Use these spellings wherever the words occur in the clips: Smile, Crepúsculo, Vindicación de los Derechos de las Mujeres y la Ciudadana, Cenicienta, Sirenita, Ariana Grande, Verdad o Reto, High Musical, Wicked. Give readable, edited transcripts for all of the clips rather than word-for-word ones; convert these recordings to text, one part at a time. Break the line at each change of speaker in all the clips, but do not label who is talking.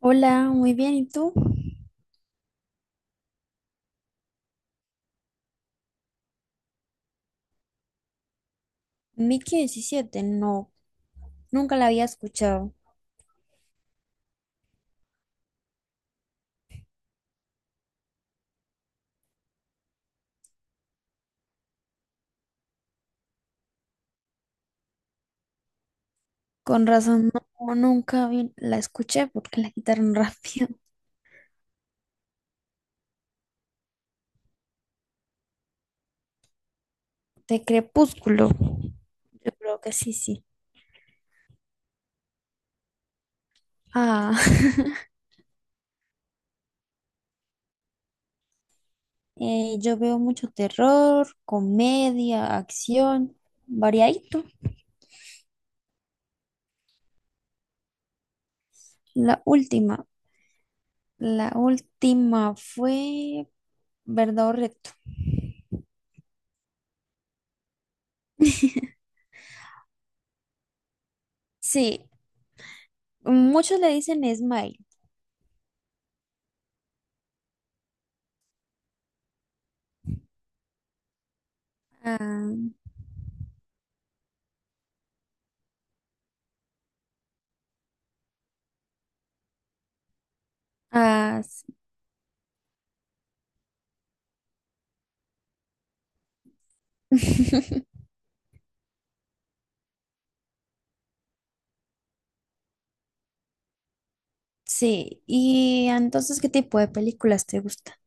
Hola, muy bien. ¿Y tú? Mickey 17. No, nunca la había escuchado. Con razón, no, nunca vi- la escuché porque la quitaron rápido. De Crepúsculo, yo creo que sí, sí. Ah, yo veo mucho terror, comedia, acción, variadito. La última, la última fue ¿Verdad o Reto? Sí, muchos le dicen Smile. Ah, ah, sí. Sí, y entonces, ¿qué tipo de películas te gusta?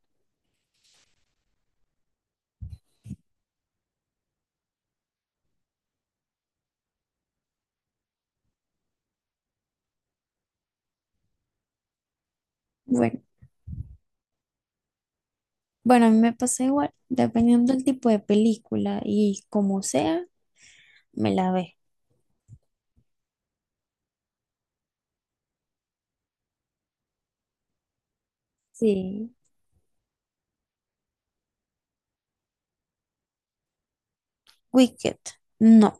Bueno, bueno, a mí me pasa igual, dependiendo del tipo de película y como sea, me la ve. Sí, Wicked, no.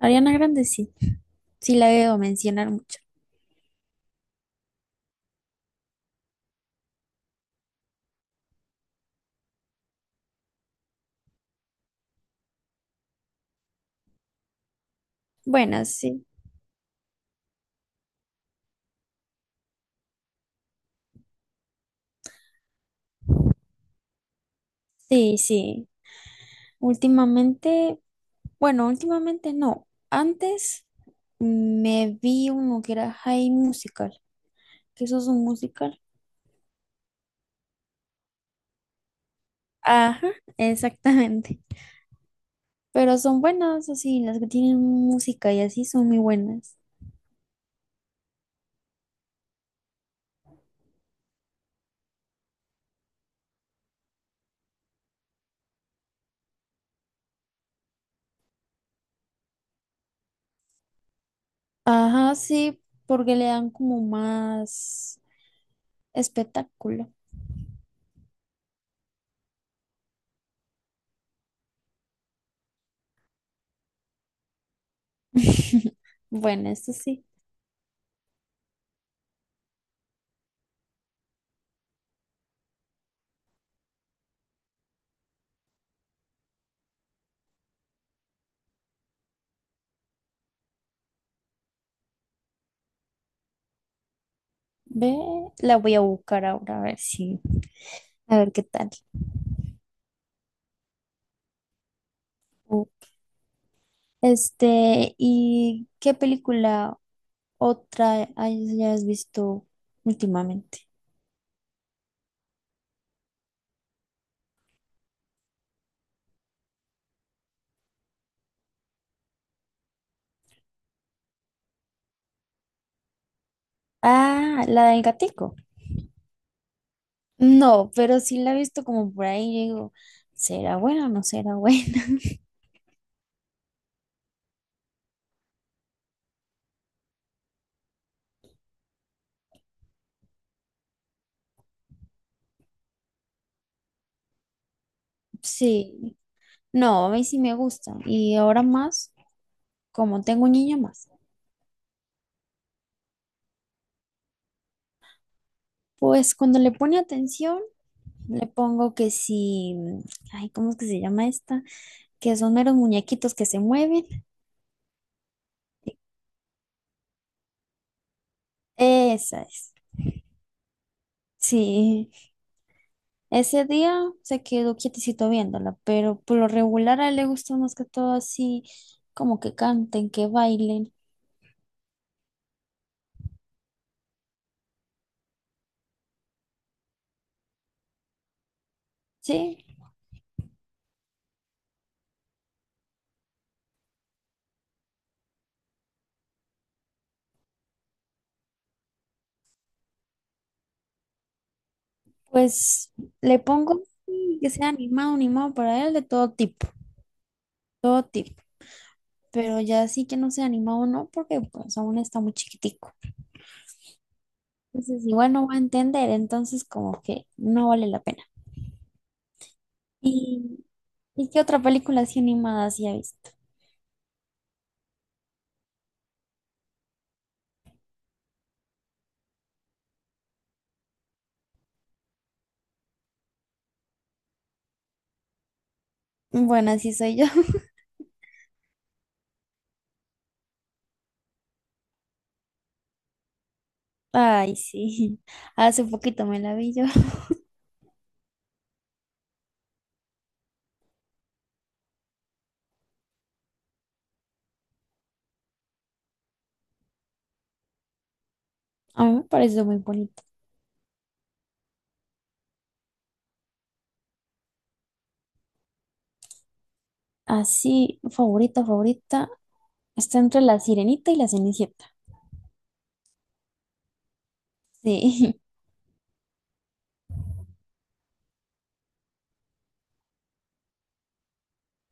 Ariana Grande sí, sí la veo mencionar mucho. Bueno, sí, sí, sí. Últimamente, bueno, últimamente no. Antes me vi uno que era High Musical, que eso es un musical. Ajá, exactamente. Pero son buenas, así, las que tienen música y así son muy buenas. Ajá, sí, porque le dan como más espectáculo. Bueno, esto sí. Ve, la voy a buscar ahora a ver si, a ver qué tal. Uh, Este, ¿y qué película otra hayas visto últimamente? Ah, la del gatico. No, pero sí la he visto como por ahí. Yo digo, ¿será buena o no será buena? Sí, no, a mí sí me gusta. Y ahora más, como tengo un niño más, pues cuando le pone atención, le pongo que sí, ay, ¿cómo es que se llama esta? Que son meros muñequitos que se mueven. Esa es. Sí, ese día se quedó quietecito viéndola, pero por lo regular a él le gusta más que todo así, como que canten, que bailen. Sí, pues le pongo que sea animado, animado para él de todo tipo, todo tipo. Pero ya sí que no sea animado, no, porque pues aún está muy chiquitico. Entonces igual no va a entender, entonces como que no vale la pena. ¿Y, y qué otra película así animada sí ha visto? Bueno, así soy yo. Ay, sí. Hace poquito me la vi yo. A mí me pareció muy bonita. Así, favorita, favorita. Está entre la Sirenita y la Cenicienta. Sí,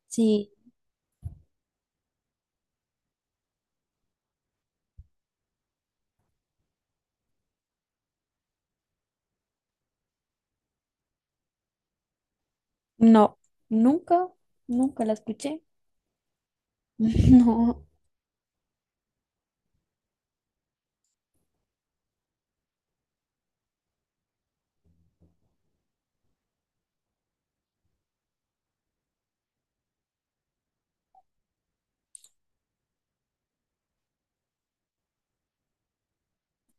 sí. No, nunca, nunca la escuché. No,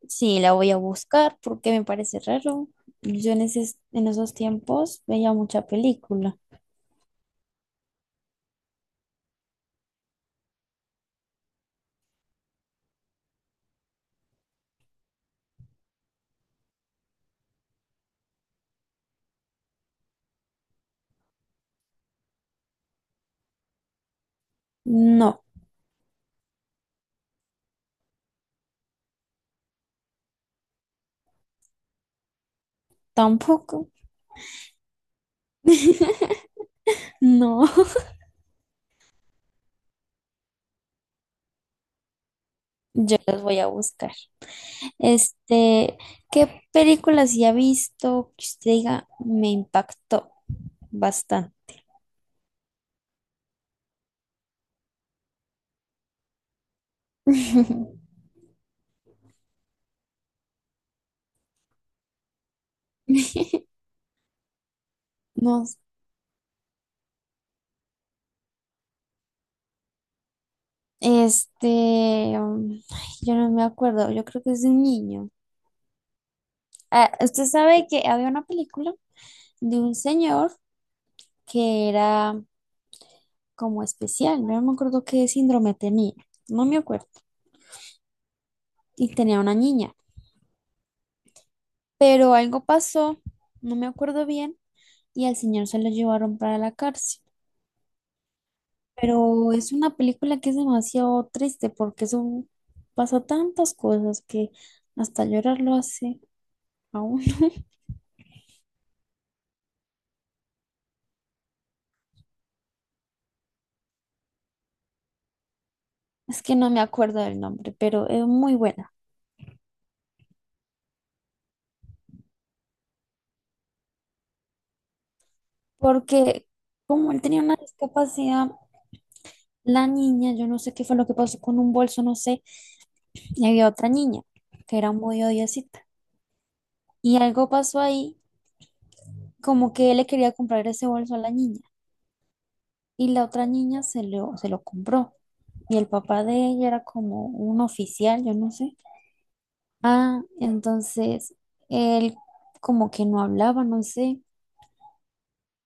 sí, la voy a buscar porque me parece raro. Yo en esos tiempos veía mucha película. No, tampoco. No, yo las voy a buscar. Este, ¿qué película sí ha visto que usted diga me impactó bastante? No, este, ay, yo no me acuerdo, yo creo que es de un niño. Ah, usted sabe que había una película de un señor que era como especial, no me acuerdo qué síndrome tenía, no me acuerdo, y tenía una niña, pero algo pasó, no me acuerdo bien, y al señor se lo llevaron para la cárcel. Pero es una película que es demasiado triste porque pasa tantas cosas que hasta llorar lo hace a uno. Es que no me acuerdo del nombre, pero es muy buena porque como él tenía una discapacidad. La niña, yo no sé qué fue lo que pasó con un bolso, no sé, y había otra niña que era muy odiosita. Y algo pasó ahí, como que él le quería comprar ese bolso a la niña y la otra niña se lo compró. Y el papá de ella era como un oficial, yo no sé. Ah, entonces él como que no hablaba, no sé,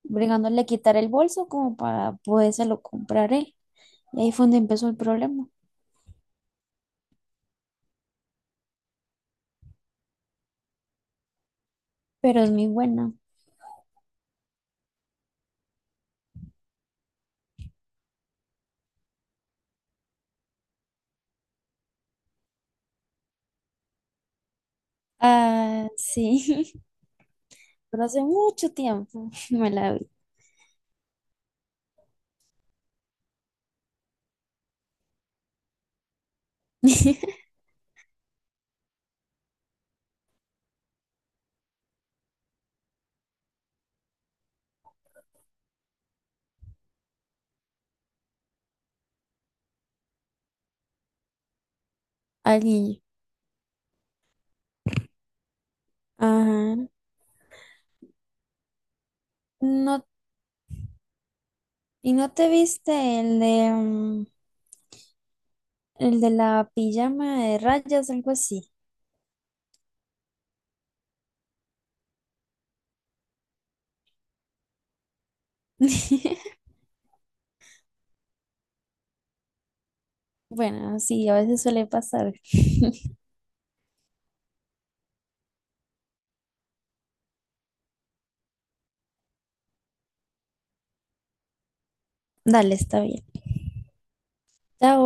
bregándole a quitar el bolso como para podérselo comprar él. Y ahí fue donde empezó el problema, pero es muy buena. Ah, sí. Pero hace mucho tiempo me la vi. Al niño. Ajá. No, ¿y no te viste el de, el de la pijama de rayas, algo así? Bueno, sí, a veces suele pasar. Dale, está bien. Chao.